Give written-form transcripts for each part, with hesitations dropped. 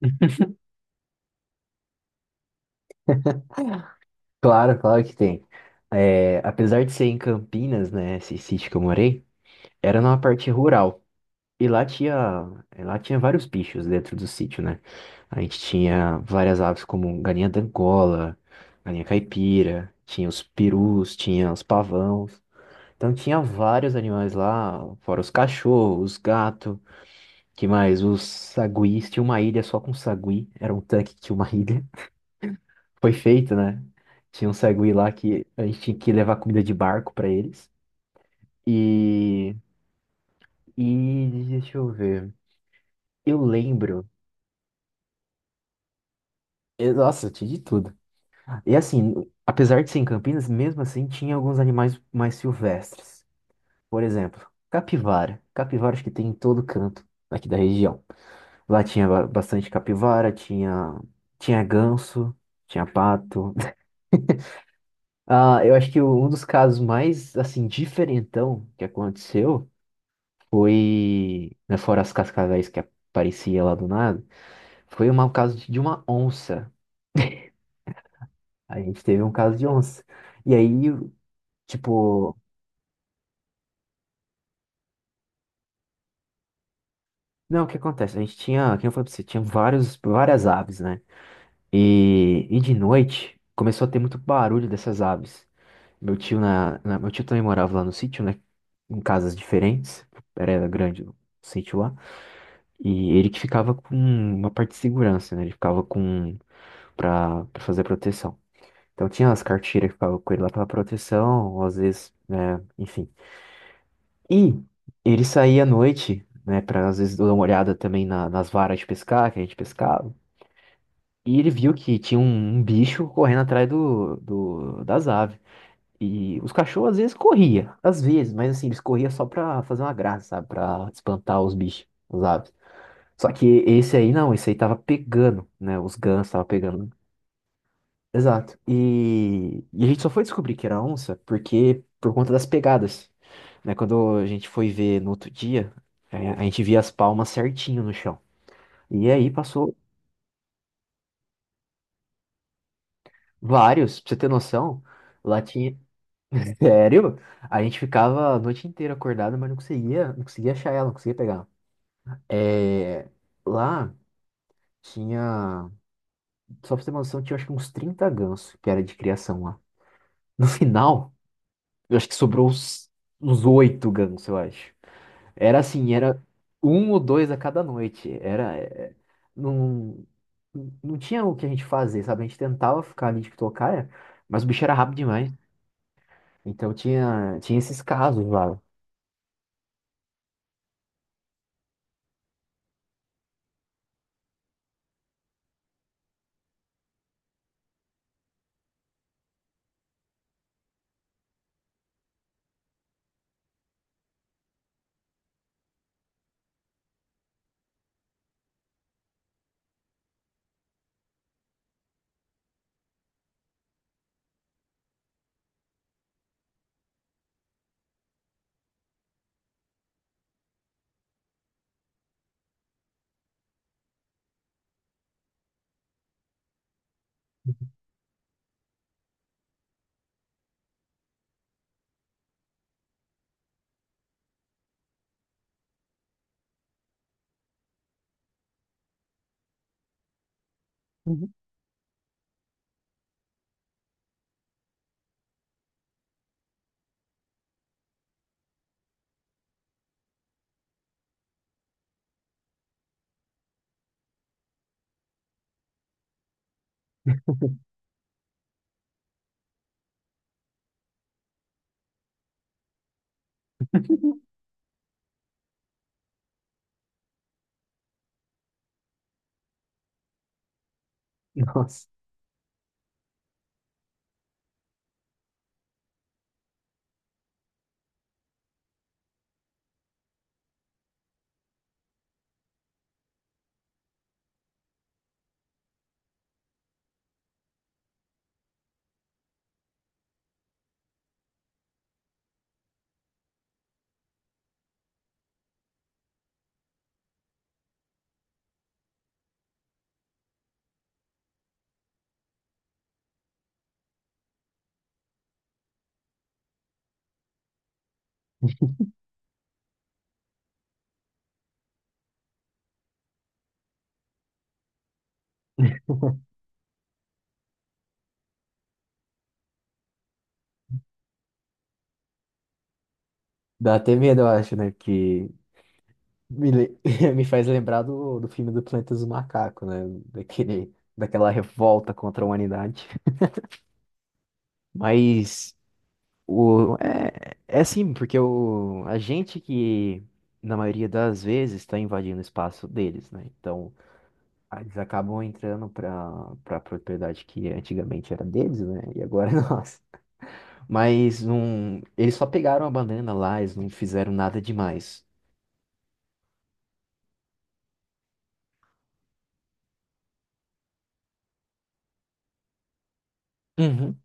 Claro, claro que tem. É, apesar de ser em Campinas, né, esse sítio que eu morei, era numa parte rural. E lá tinha vários bichos dentro do sítio, né? A gente tinha várias aves como galinha d'Angola, galinha caipira, tinha os perus, tinha os pavãos. Então tinha vários animais lá, fora os cachorros, os gatos, que mais? Os saguis, tinha uma ilha só com sagui, era um tanque que tinha uma ilha. Foi feito, né? Tinha um sagui lá que a gente tinha que levar comida de barco pra eles. E, e deixa eu ver. Eu lembro. Nossa, tinha de tudo. E assim, apesar de ser em Campinas, mesmo assim tinha alguns animais mais silvestres. Por exemplo, capivara. Capivara acho que tem em todo canto aqui da região. Lá tinha bastante capivara, tinha ganso, tinha pato. Ah, eu acho que um dos casos mais, assim, diferentão que aconteceu foi, né, fora as cascavéis que aparecia lá do nada, foi um caso de uma onça. A gente teve um caso de onça. E aí, tipo, não, o que acontece? A gente tinha, quem eu falei pra você, tinha várias aves, né? E de noite começou a ter muito barulho dessas aves. Meu tio meu tio também morava lá no sítio, né? Em casas diferentes. Era grande o sítio lá. E ele que ficava com uma parte de segurança, né? Ele ficava com para fazer a proteção. Então tinha as cartilhas que ficavam com ele lá pela proteção, ou às vezes, né, enfim. E ele saía à noite, né, pra às vezes dar uma olhada também nas varas de pescar que a gente pescava. E ele viu que tinha um bicho correndo atrás das aves. E os cachorros às vezes corria, às vezes, mas assim, eles corriam só pra fazer uma graça, sabe? Pra espantar os bichos, as aves. Só que esse aí não, esse aí tava pegando, né? Os gansos tava pegando. Exato. E a gente só foi descobrir que era onça porque por conta das pegadas, né? Quando a gente foi ver no outro dia, é, a gente via as palmas certinho no chão. E aí passou vários, pra você ter noção, lá tinha. Sério? A gente ficava a noite inteira acordado, mas não conseguia achar ela, não conseguia pegar. É, lá tinha, só pra você ter uma noção, tinha acho que uns 30 gansos que era de criação lá. No final, eu acho que sobrou uns oito gansos, eu acho. Era assim, era um ou dois a cada noite. Era, é, não, não tinha o que a gente fazer, sabe? A gente tentava ficar ali de tocaia, mas o bicho era rápido demais. Então tinha esses casos lá. Uhum. Nossa, dá até medo, eu acho, né? Que me, le- me faz lembrar do filme do Planeta dos Macacos, né? Daquela revolta contra a humanidade. Mas o, é sim, porque a gente que, na maioria das vezes, está invadindo o espaço deles, né? Então, ah, eles acabam entrando para propriedade que antigamente era deles, né? E agora é nossa. Mas não, eles só pegaram a banana lá, eles não fizeram nada demais. Uhum,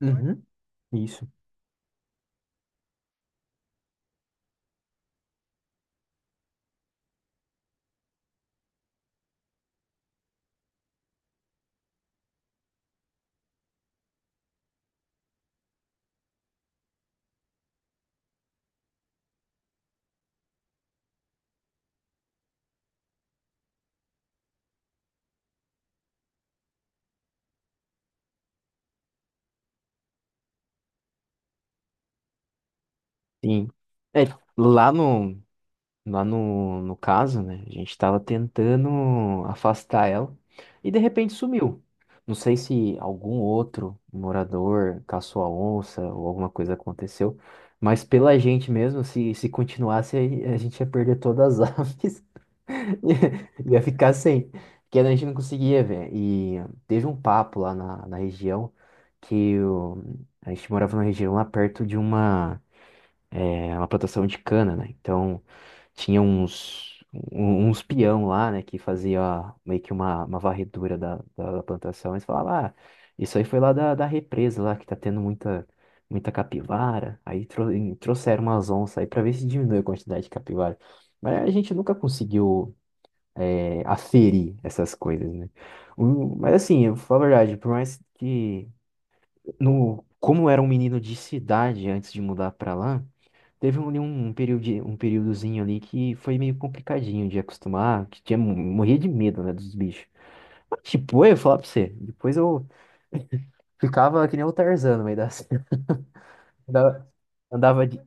uhum, isso. Sim. É, lá no, Lá no caso, né? A gente tava tentando afastar ela e de repente sumiu. Não sei se algum outro morador caçou a onça ou alguma coisa aconteceu, mas pela gente mesmo, se continuasse, a gente ia perder todas as aves, ia ficar sem, porque a gente não conseguia ver. E teve um papo lá na região que a gente morava numa região lá perto de uma plantação de cana, né? Então tinha uns peão lá, né, que fazia meio que uma varredura da plantação. Eles falavam, ah, isso aí foi lá da represa lá, que tá tendo muita, muita capivara. Aí e trouxeram umas onças aí pra ver se diminui a quantidade de capivara. Mas a gente nunca conseguiu aferir essas coisas, né? Mas assim, eu vou falar a verdade, por mais que... No, Como era um menino de cidade antes de mudar pra lá, teve um período, um períodozinho ali que foi meio complicadinho de acostumar, que morria de medo, né, dos bichos. Mas, tipo, eu ia falar pra você, depois eu ficava que nem o Tarzan no meio da cena. Andava, de,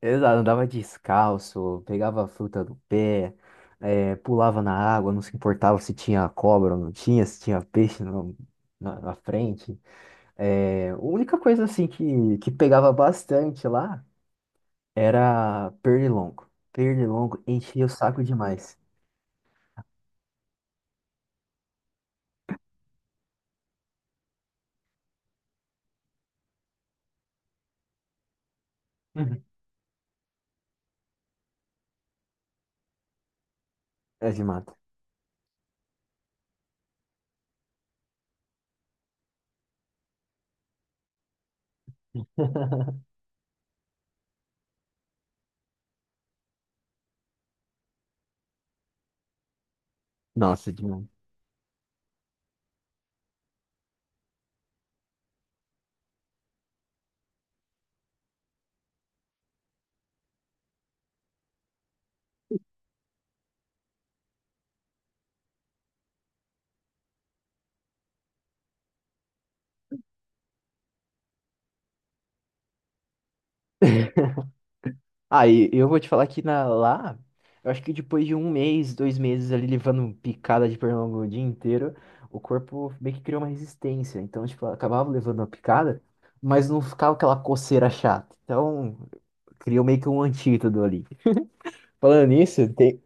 exato, andava descalço, pegava a fruta do pé, pulava na água, não se importava se tinha cobra ou não tinha, se tinha peixe na frente. A única coisa, assim, que pegava bastante lá era pernilongo. Pernilongo enchia o saco demais. Uhum. É de mata. Nossa, demais. Aí eu vou te falar que lá, eu acho que depois de um mês, 2 meses ali levando picada de pernilongo o dia inteiro, o corpo meio que criou uma resistência. Então, tipo, eu acabava levando a picada, mas não ficava aquela coceira chata. Então, criou meio que um antídoto ali. Falando nisso, tem,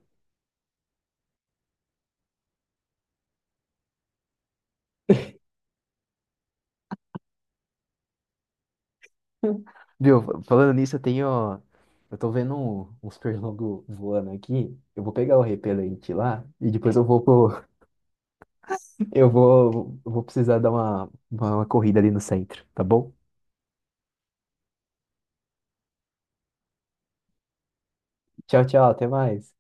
Viu, falando nisso, eu tenho. Eu tô vendo uns pernilongos voando aqui. Eu vou pegar o repelente lá e depois eu vou eu vou precisar dar uma corrida ali no centro, tá bom? Tchau, tchau, até mais.